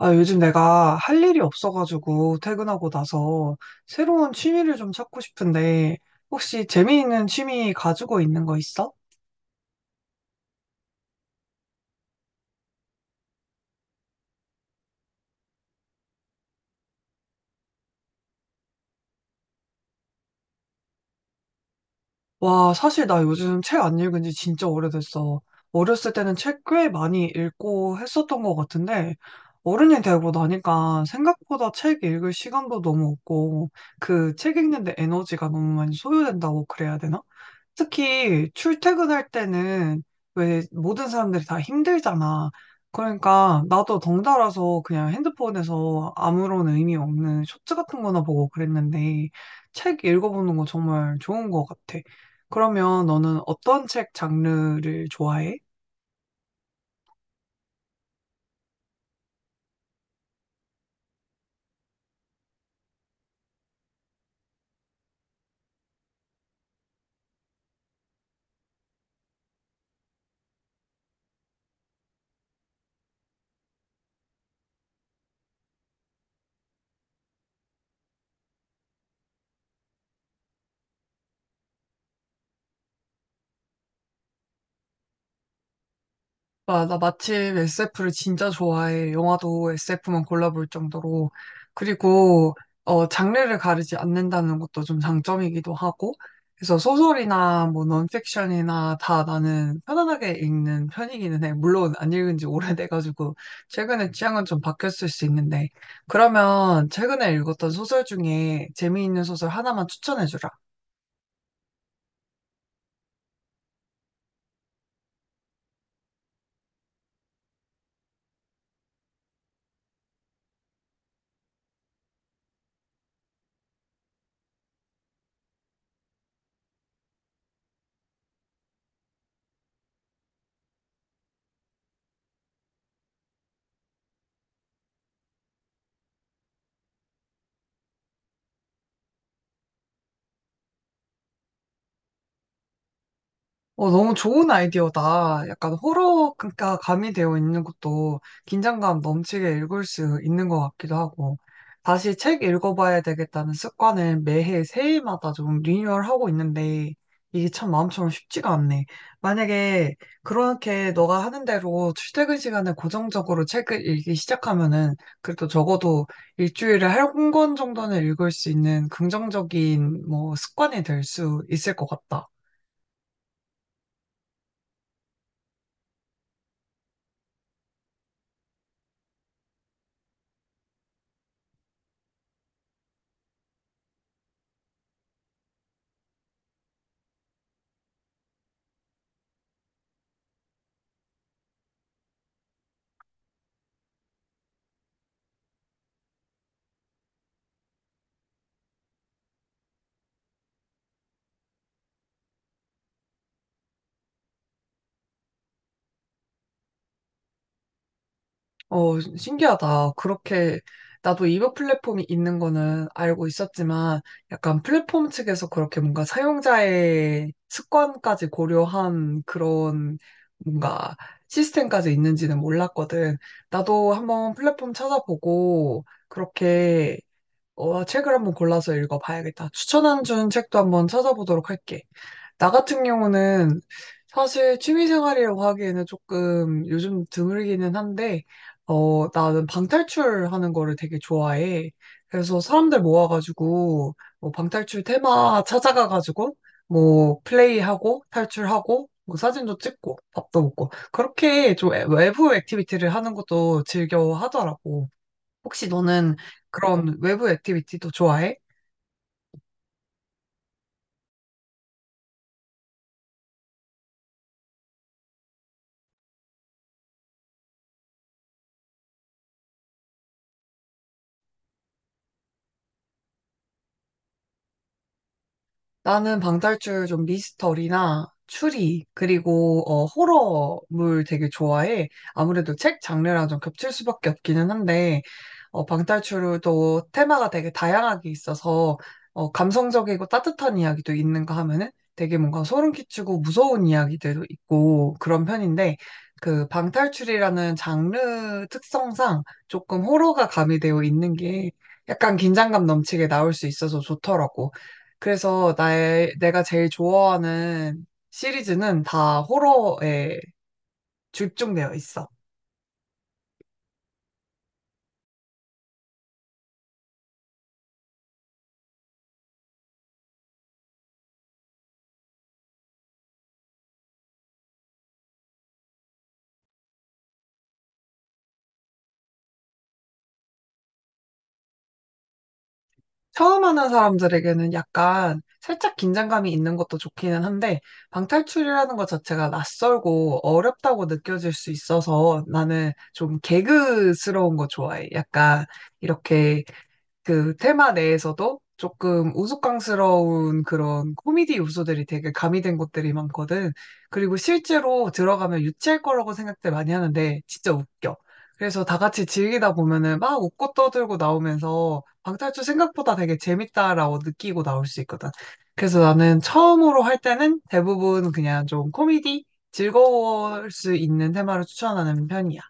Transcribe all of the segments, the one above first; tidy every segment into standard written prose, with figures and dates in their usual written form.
아, 요즘 내가 할 일이 없어가지고 퇴근하고 나서 새로운 취미를 좀 찾고 싶은데 혹시 재미있는 취미 가지고 있는 거 있어? 와, 사실 나 요즘 책 안 읽은 지 진짜 오래됐어. 어렸을 때는 책 꽤 많이 읽고 했었던 것 같은데, 어른이 되고 나니까 생각보다 책 읽을 시간도 너무 없고, 그 책 읽는데 에너지가 너무 많이 소요된다고 그래야 되나? 특히 출퇴근할 때는 왜 모든 사람들이 다 힘들잖아. 그러니까 나도 덩달아서 그냥 핸드폰에서 아무런 의미 없는 쇼츠 같은 거나 보고 그랬는데, 책 읽어보는 거 정말 좋은 것 같아. 그러면 너는 어떤 책 장르를 좋아해? 아, 나 마침 SF를 진짜 좋아해. 영화도 SF만 골라볼 정도로. 그리고, 장르를 가르지 않는다는 것도 좀 장점이기도 하고. 그래서 소설이나 뭐 넌픽션이나 다 나는 편안하게 읽는 편이기는 해. 물론 안 읽은 지 오래돼가지고 최근에 취향은 좀 바뀌었을 수 있는데. 그러면 최근에 읽었던 소설 중에 재미있는 소설 하나만 추천해주라. 너무 좋은 아이디어다. 약간 호러가 가미되어 있는 것도 긴장감 넘치게 읽을 수 있는 것 같기도 하고. 다시 책 읽어봐야 되겠다는 습관을 매해 새해마다 좀 리뉴얼하고 있는데, 이게 참 마음처럼 쉽지가 않네. 만약에 그렇게 너가 하는 대로 출퇴근 시간에 고정적으로 책을 읽기 시작하면은, 그래도 적어도 일주일에 한 권 정도는 읽을 수 있는 긍정적인 뭐 습관이 될 수 있을 것 같다. 신기하다. 그렇게, 나도 이버 플랫폼이 있는 거는 알고 있었지만, 약간 플랫폼 측에서 그렇게 뭔가 사용자의 습관까지 고려한 그런 뭔가 시스템까지 있는지는 몰랐거든. 나도 한번 플랫폼 찾아보고, 그렇게 책을 한번 골라서 읽어봐야겠다. 추천한 준 책도 한번 찾아보도록 할게. 나 같은 경우는 사실 취미생활이라고 하기에는 조금 요즘 드물기는 한데, 나는 방탈출하는 거를 되게 좋아해. 그래서 사람들 모아가지고, 뭐 방탈출 테마 찾아가가지고, 뭐 플레이하고, 탈출하고, 뭐 사진도 찍고, 밥도 먹고, 그렇게 좀 외부 액티비티를 하는 것도 즐겨 하더라고. 혹시 너는 그런 외부 액티비티도 좋아해? 나는 방탈출 좀 미스터리나 추리, 그리고 호러물 되게 좋아해. 아무래도 책 장르랑 좀 겹칠 수밖에 없기는 한데, 방탈출도 테마가 되게 다양하게 있어서 감성적이고 따뜻한 이야기도 있는가 하면은 되게 뭔가 소름 끼치고 무서운 이야기들도 있고 그런 편인데 그 방탈출이라는 장르 특성상 조금 호러가 가미되어 있는 게 약간 긴장감 넘치게 나올 수 있어서 좋더라고. 그래서 나의 내가 제일 좋아하는 시리즈는 다 호러에 집중되어 있어. 처음 하는 사람들에게는 약간 살짝 긴장감이 있는 것도 좋기는 한데, 방탈출이라는 것 자체가 낯설고 어렵다고 느껴질 수 있어서 나는 좀 개그스러운 거 좋아해. 약간 이렇게 그 테마 내에서도 조금 우스꽝스러운 그런 코미디 요소들이 되게 가미된 것들이 많거든. 그리고 실제로 들어가면 유치할 거라고 생각들 많이 하는데 진짜 웃겨. 그래서 다 같이 즐기다 보면은 막 웃고 떠들고 나오면서 방탈출 생각보다 되게 재밌다라고 느끼고 나올 수 있거든. 그래서 나는 처음으로 할 때는 대부분 그냥 좀 코미디 즐거울 수 있는 테마를 추천하는 편이야.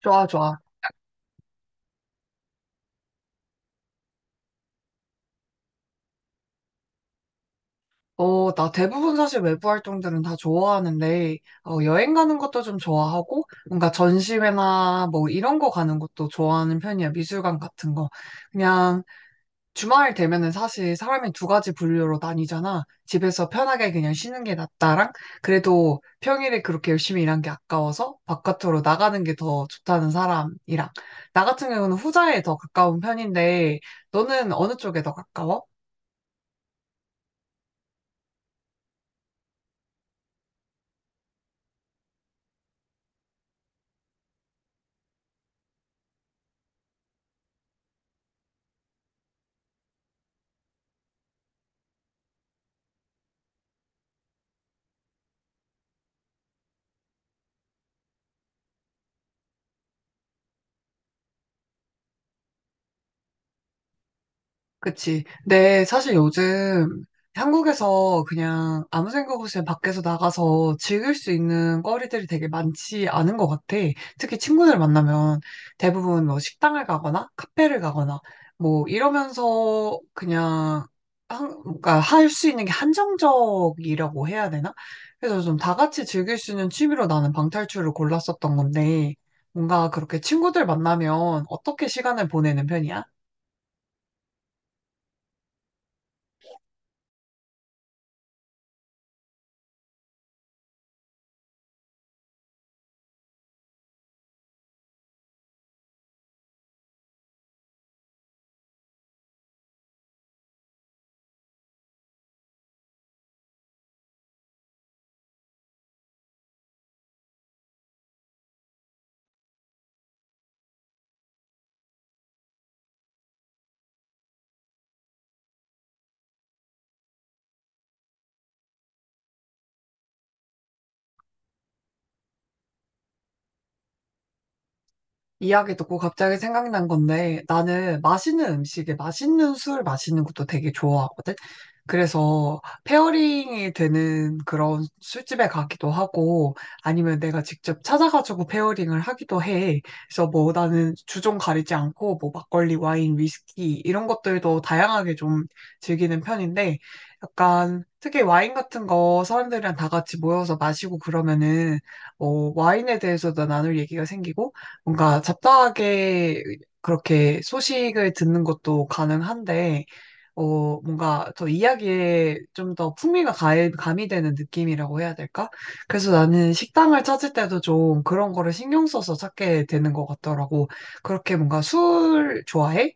좋아, 좋아. 나 대부분 사실 외부 활동들은 다 좋아하는데, 여행 가는 것도 좀 좋아하고, 뭔가 전시회나 뭐 이런 거 가는 것도 좋아하는 편이야. 미술관 같은 거. 그냥 주말 되면은 사실 사람이 두 가지 분류로 나뉘잖아. 집에서 편하게 그냥 쉬는 게 낫다랑, 그래도 평일에 그렇게 열심히 일한 게 아까워서 바깥으로 나가는 게 더 좋다는 사람이랑. 나 같은 경우는 후자에 더 가까운 편인데, 너는 어느 쪽에 더 가까워? 그치. 근데 사실 요즘 한국에서 그냥 아무 생각 없이 그냥 밖에서 나가서 즐길 수 있는 거리들이 되게 많지 않은 것 같아. 특히 친구들 만나면 대부분 뭐 식당을 가거나 카페를 가거나 뭐 이러면서 그냥 한, 그러니까 할 수 있는 게 한정적이라고 해야 되나? 그래서 좀 다 같이 즐길 수 있는 취미로 나는 방탈출을 골랐었던 건데 뭔가 그렇게 친구들 만나면 어떻게 시간을 보내는 편이야? 이야기 듣고 갑자기 생각난 건데 나는 맛있는 음식에 맛있는 술 마시는 것도 되게 좋아하거든. 그래서 페어링이 되는 그런 술집에 가기도 하고 아니면 내가 직접 찾아가지고 페어링을 하기도 해. 그래서 뭐 나는 주종 가리지 않고 뭐 막걸리, 와인, 위스키 이런 것들도 다양하게 좀 즐기는 편인데 약간 특히 와인 같은 거 사람들이랑 다 같이 모여서 마시고 그러면은 뭐 와인에 대해서도 나눌 얘기가 생기고 뭔가 잡다하게 그렇게 소식을 듣는 것도 가능한데, 뭔가 더 이야기에 좀 더 풍미가 가미되는 느낌이라고 해야 될까? 그래서 나는 식당을 찾을 때도 좀 그런 거를 신경 써서 찾게 되는 것 같더라고. 그렇게 뭔가 술 좋아해?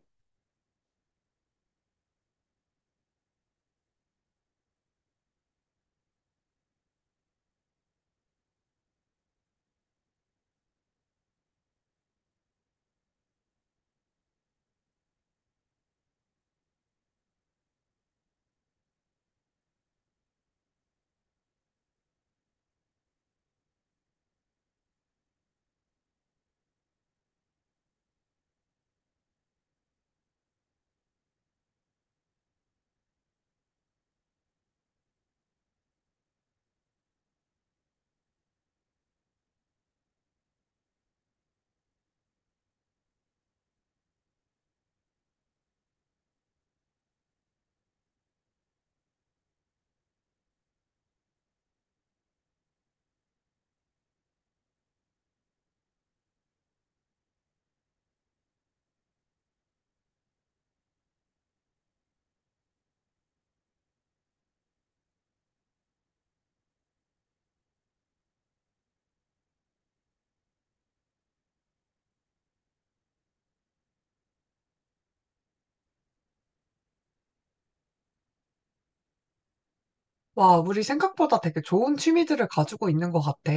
와, 우리 생각보다 되게 좋은 취미들을 가지고 있는 것 같아.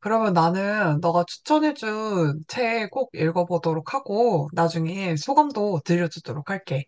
그러면 나는 너가 추천해준 책 꼭 읽어보도록 하고, 나중에 소감도 들려주도록 할게.